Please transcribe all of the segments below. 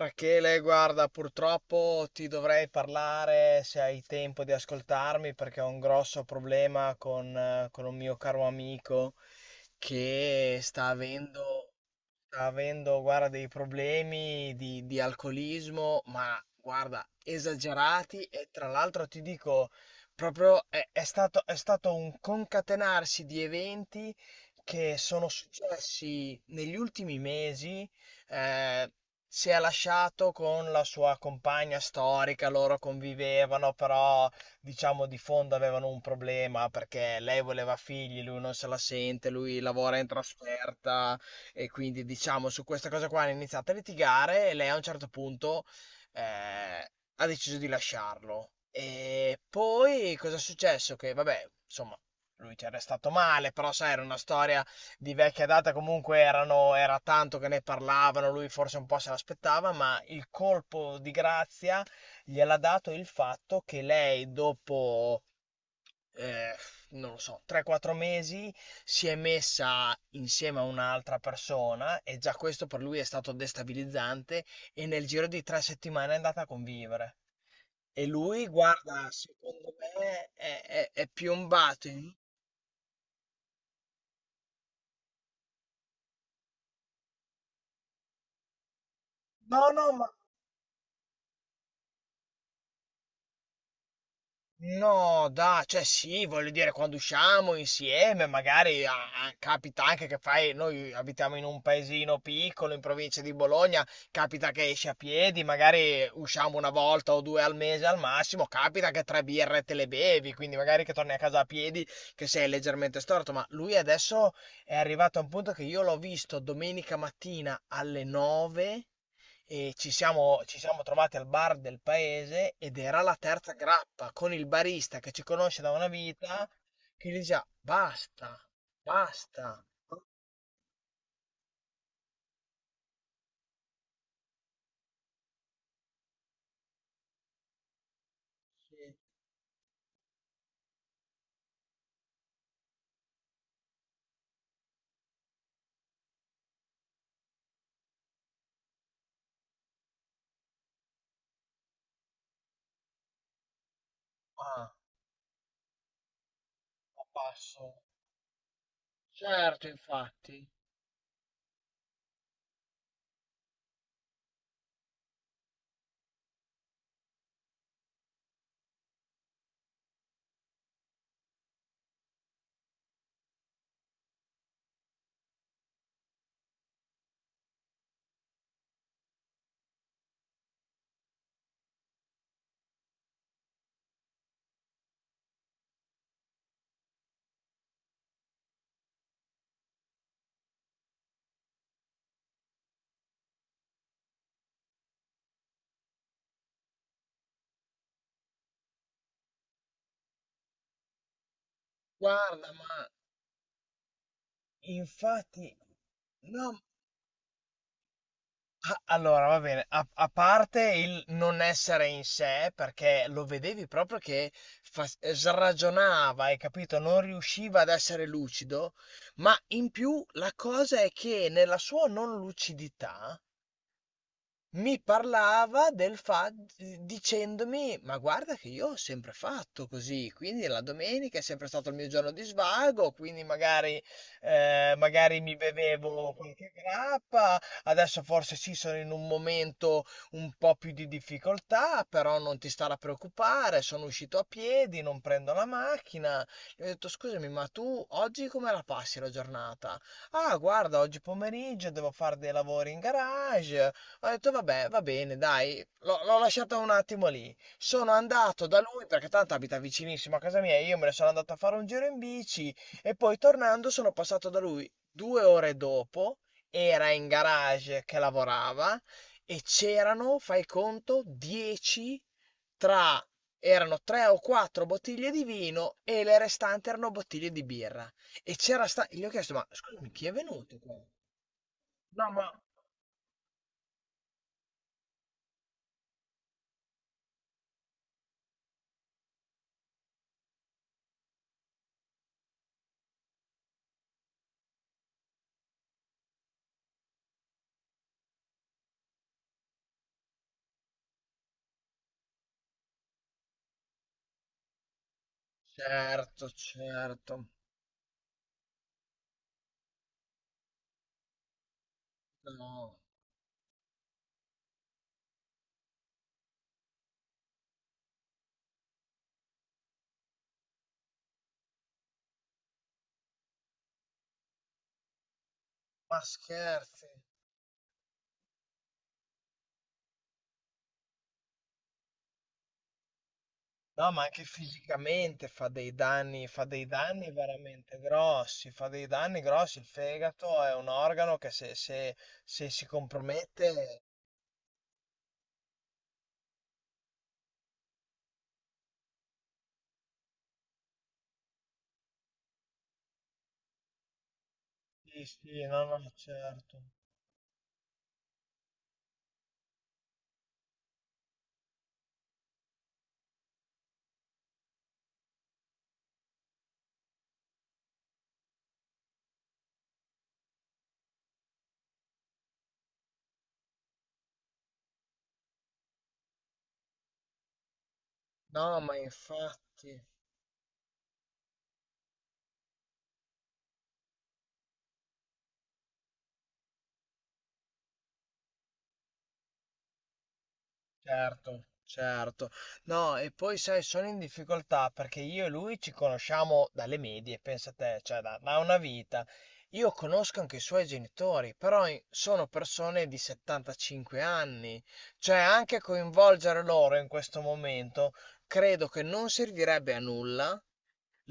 Rachele, guarda, purtroppo ti dovrei parlare se hai tempo di ascoltarmi perché ho un grosso problema con un mio caro amico che sta avendo Sta avendo, guarda, dei problemi di alcolismo, ma guarda, esagerati e tra l'altro ti dico, proprio è stato un concatenarsi di eventi che sono successi negli ultimi mesi. eh, si è lasciato con la sua compagna storica, loro convivevano, però diciamo di fondo avevano un problema perché lei voleva figli, lui non se la sente, lui lavora in trasferta. E quindi, diciamo, su questa cosa qua hanno iniziato a litigare e lei a un certo punto eh, ha deciso di lasciarlo. E poi cosa è successo? Che, vabbè, insomma, lui ci è restato male, però sai, era una storia di vecchia data, comunque era tanto che ne parlavano, lui forse un po' se l'aspettava, ma il colpo di grazia gliel'ha dato il fatto che lei dopo eh, non lo so, 3-4 mesi, si è messa insieme a un'altra persona e già questo per lui è stato destabilizzante e nel giro di 3 settimane è andata a convivere. E lui, guarda, secondo me è piombato in. No, no, cioè sì, voglio dire, quando usciamo insieme, magari capita anche che fai, noi abitiamo in un paesino piccolo in provincia di Bologna, capita che esci a piedi, magari usciamo una volta o due al mese al massimo, capita che tre birre te le bevi, quindi magari che torni a casa a piedi, che sei leggermente storto, ma lui adesso è arrivato a un punto che io l'ho visto domenica mattina alle 9 e ci siamo trovati al bar del paese ed era la terza grappa con il barista che ci conosce da una vita che gli diceva basta, basta. Sì. Ah, a passo. Certo, infatti. Guarda, ma infatti no. A allora va bene, a parte il non essere in sé, perché lo vedevi proprio che fas sragionava, hai capito, non riusciva ad essere lucido, ma in più la cosa è che nella sua non lucidità mi parlava del fa dicendomi: "Ma guarda che io ho sempre fatto così, quindi la domenica è sempre stato il mio giorno di svago, quindi magari, magari mi bevevo qualche grappa, adesso forse sì sono in un momento un po' più di difficoltà, però non ti stare a preoccupare, sono uscito a piedi, non prendo la macchina". Gli ho detto: "Scusami, ma tu oggi come la passi la giornata?" "Ah guarda, oggi pomeriggio devo fare dei lavori in garage". Ho detto vabbè, va bene, dai, l'ho lasciata un attimo lì. Sono andato da lui perché tanto abita vicinissimo a casa mia, io me ne sono andato a fare un giro in bici e poi tornando sono passato da lui 2 ore dopo, era in garage che lavorava e c'erano, fai conto, 10 tra. Erano tre o quattro bottiglie di vino e le restanti erano bottiglie di birra. E c'era sta. Gli ho chiesto, ma scusami, chi è venuto qua? No, ma. Certo, certo. No, ma scherzi? No, ma anche fisicamente fa dei danni veramente grossi, fa dei danni grossi. Il fegato è un organo che se si compromette. Sì, sì, no, no, certo. No, ma infatti. Certo, certo. No, e poi sai, sono in difficoltà perché io e lui ci conosciamo dalle medie, pensa te, cioè da, da una vita. Io conosco anche i suoi genitori, però in- sono persone di 75 anni, cioè anche coinvolgere loro in questo momento credo che non servirebbe a nulla,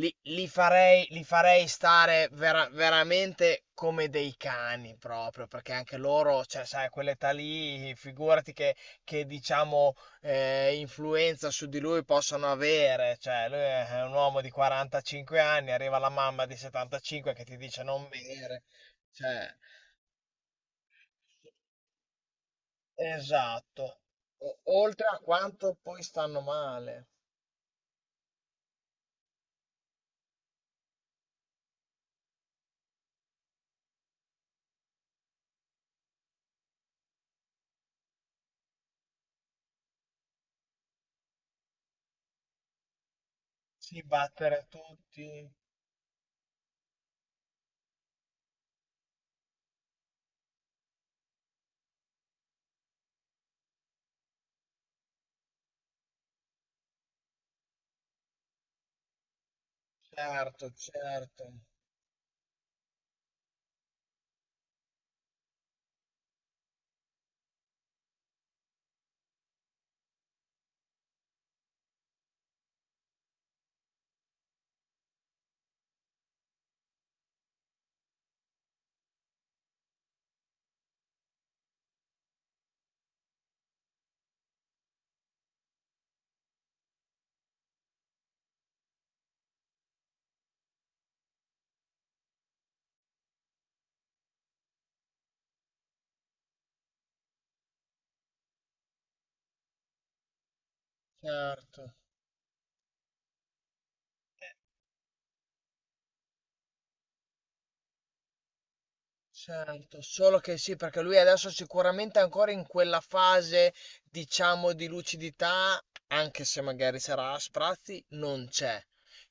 li, li farei stare veramente come dei cani proprio, perché anche loro, cioè, sai, a quell'età lì, figurati che, diciamo, influenza su di lui possono avere. Cioè, lui è un uomo di 45 anni, arriva la mamma di 75 che ti dice non bere. Cioè, esatto. O- Oltre a quanto poi stanno male. Sì, battere tutti, certo, certo, certo. Certo, solo che sì, perché lui adesso sicuramente è ancora in quella fase, diciamo, di lucidità, anche se magari sarà a sprazzi, non c'è.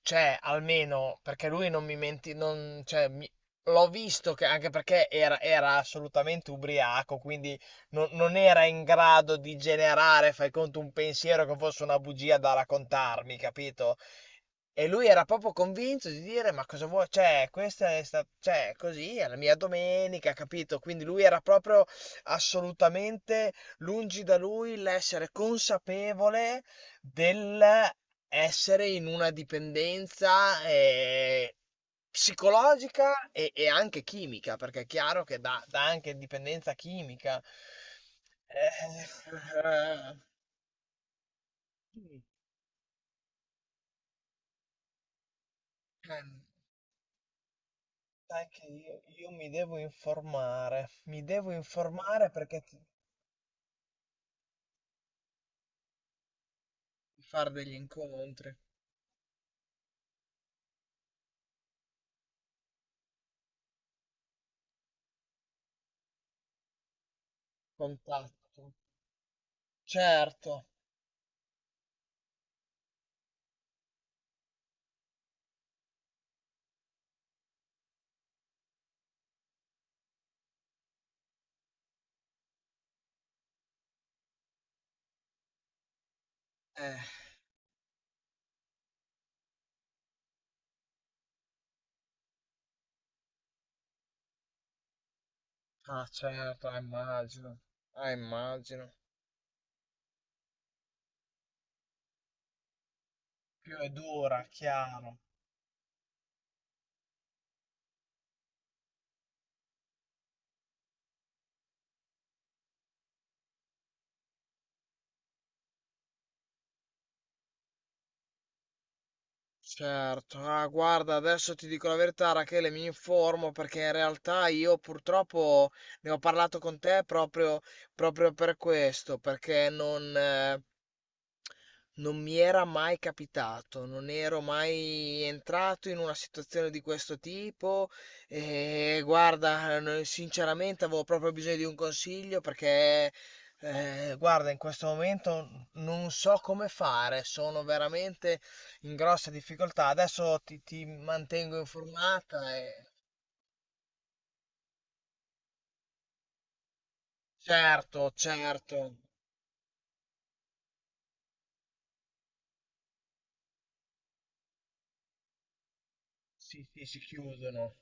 Cioè, almeno, perché lui non mi menti, non, cioè, mi- l'ho visto che, anche perché era assolutamente ubriaco, quindi non era in grado di generare, fai conto, un pensiero che fosse una bugia da raccontarmi, capito? E lui era proprio convinto di dire: Ma cosa vuoi? Cioè, questa è sta- cioè, così è la mia domenica, capito? Quindi lui era proprio assolutamente lungi da lui l'essere consapevole dell'essere in una dipendenza psicologica e anche chimica, perché è chiaro che dà anche dipendenza chimica. Eh, eh, Sì. Sai che io mi devo informare perché ti. Fare degli incontri, contatto. Certo. Eh, ah certo, ah, immagino. Ah, immagino. Più è dura, chiaro. Certo, ah, guarda, adesso ti dico la verità, Rachele, mi informo perché in realtà io purtroppo ne ho parlato con te proprio, proprio per questo, perché Non mi era mai capitato, non ero mai entrato in una situazione di questo tipo e guarda, sinceramente avevo proprio bisogno di un consiglio perché guarda, in questo momento non so come fare, sono veramente in grosse difficoltà. Adesso ti mantengo informata e certo, certo, sì, sì, si chiudono,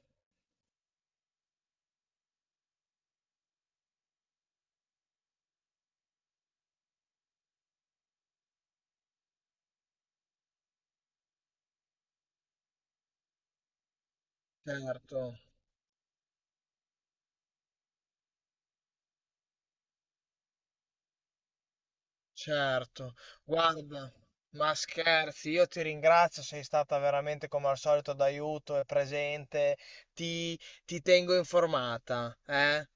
certo. Certo, guarda, ma scherzi, io ti ringrazio, sei stata veramente come al solito d'aiuto e presente, ti, ti tengo informata, eh?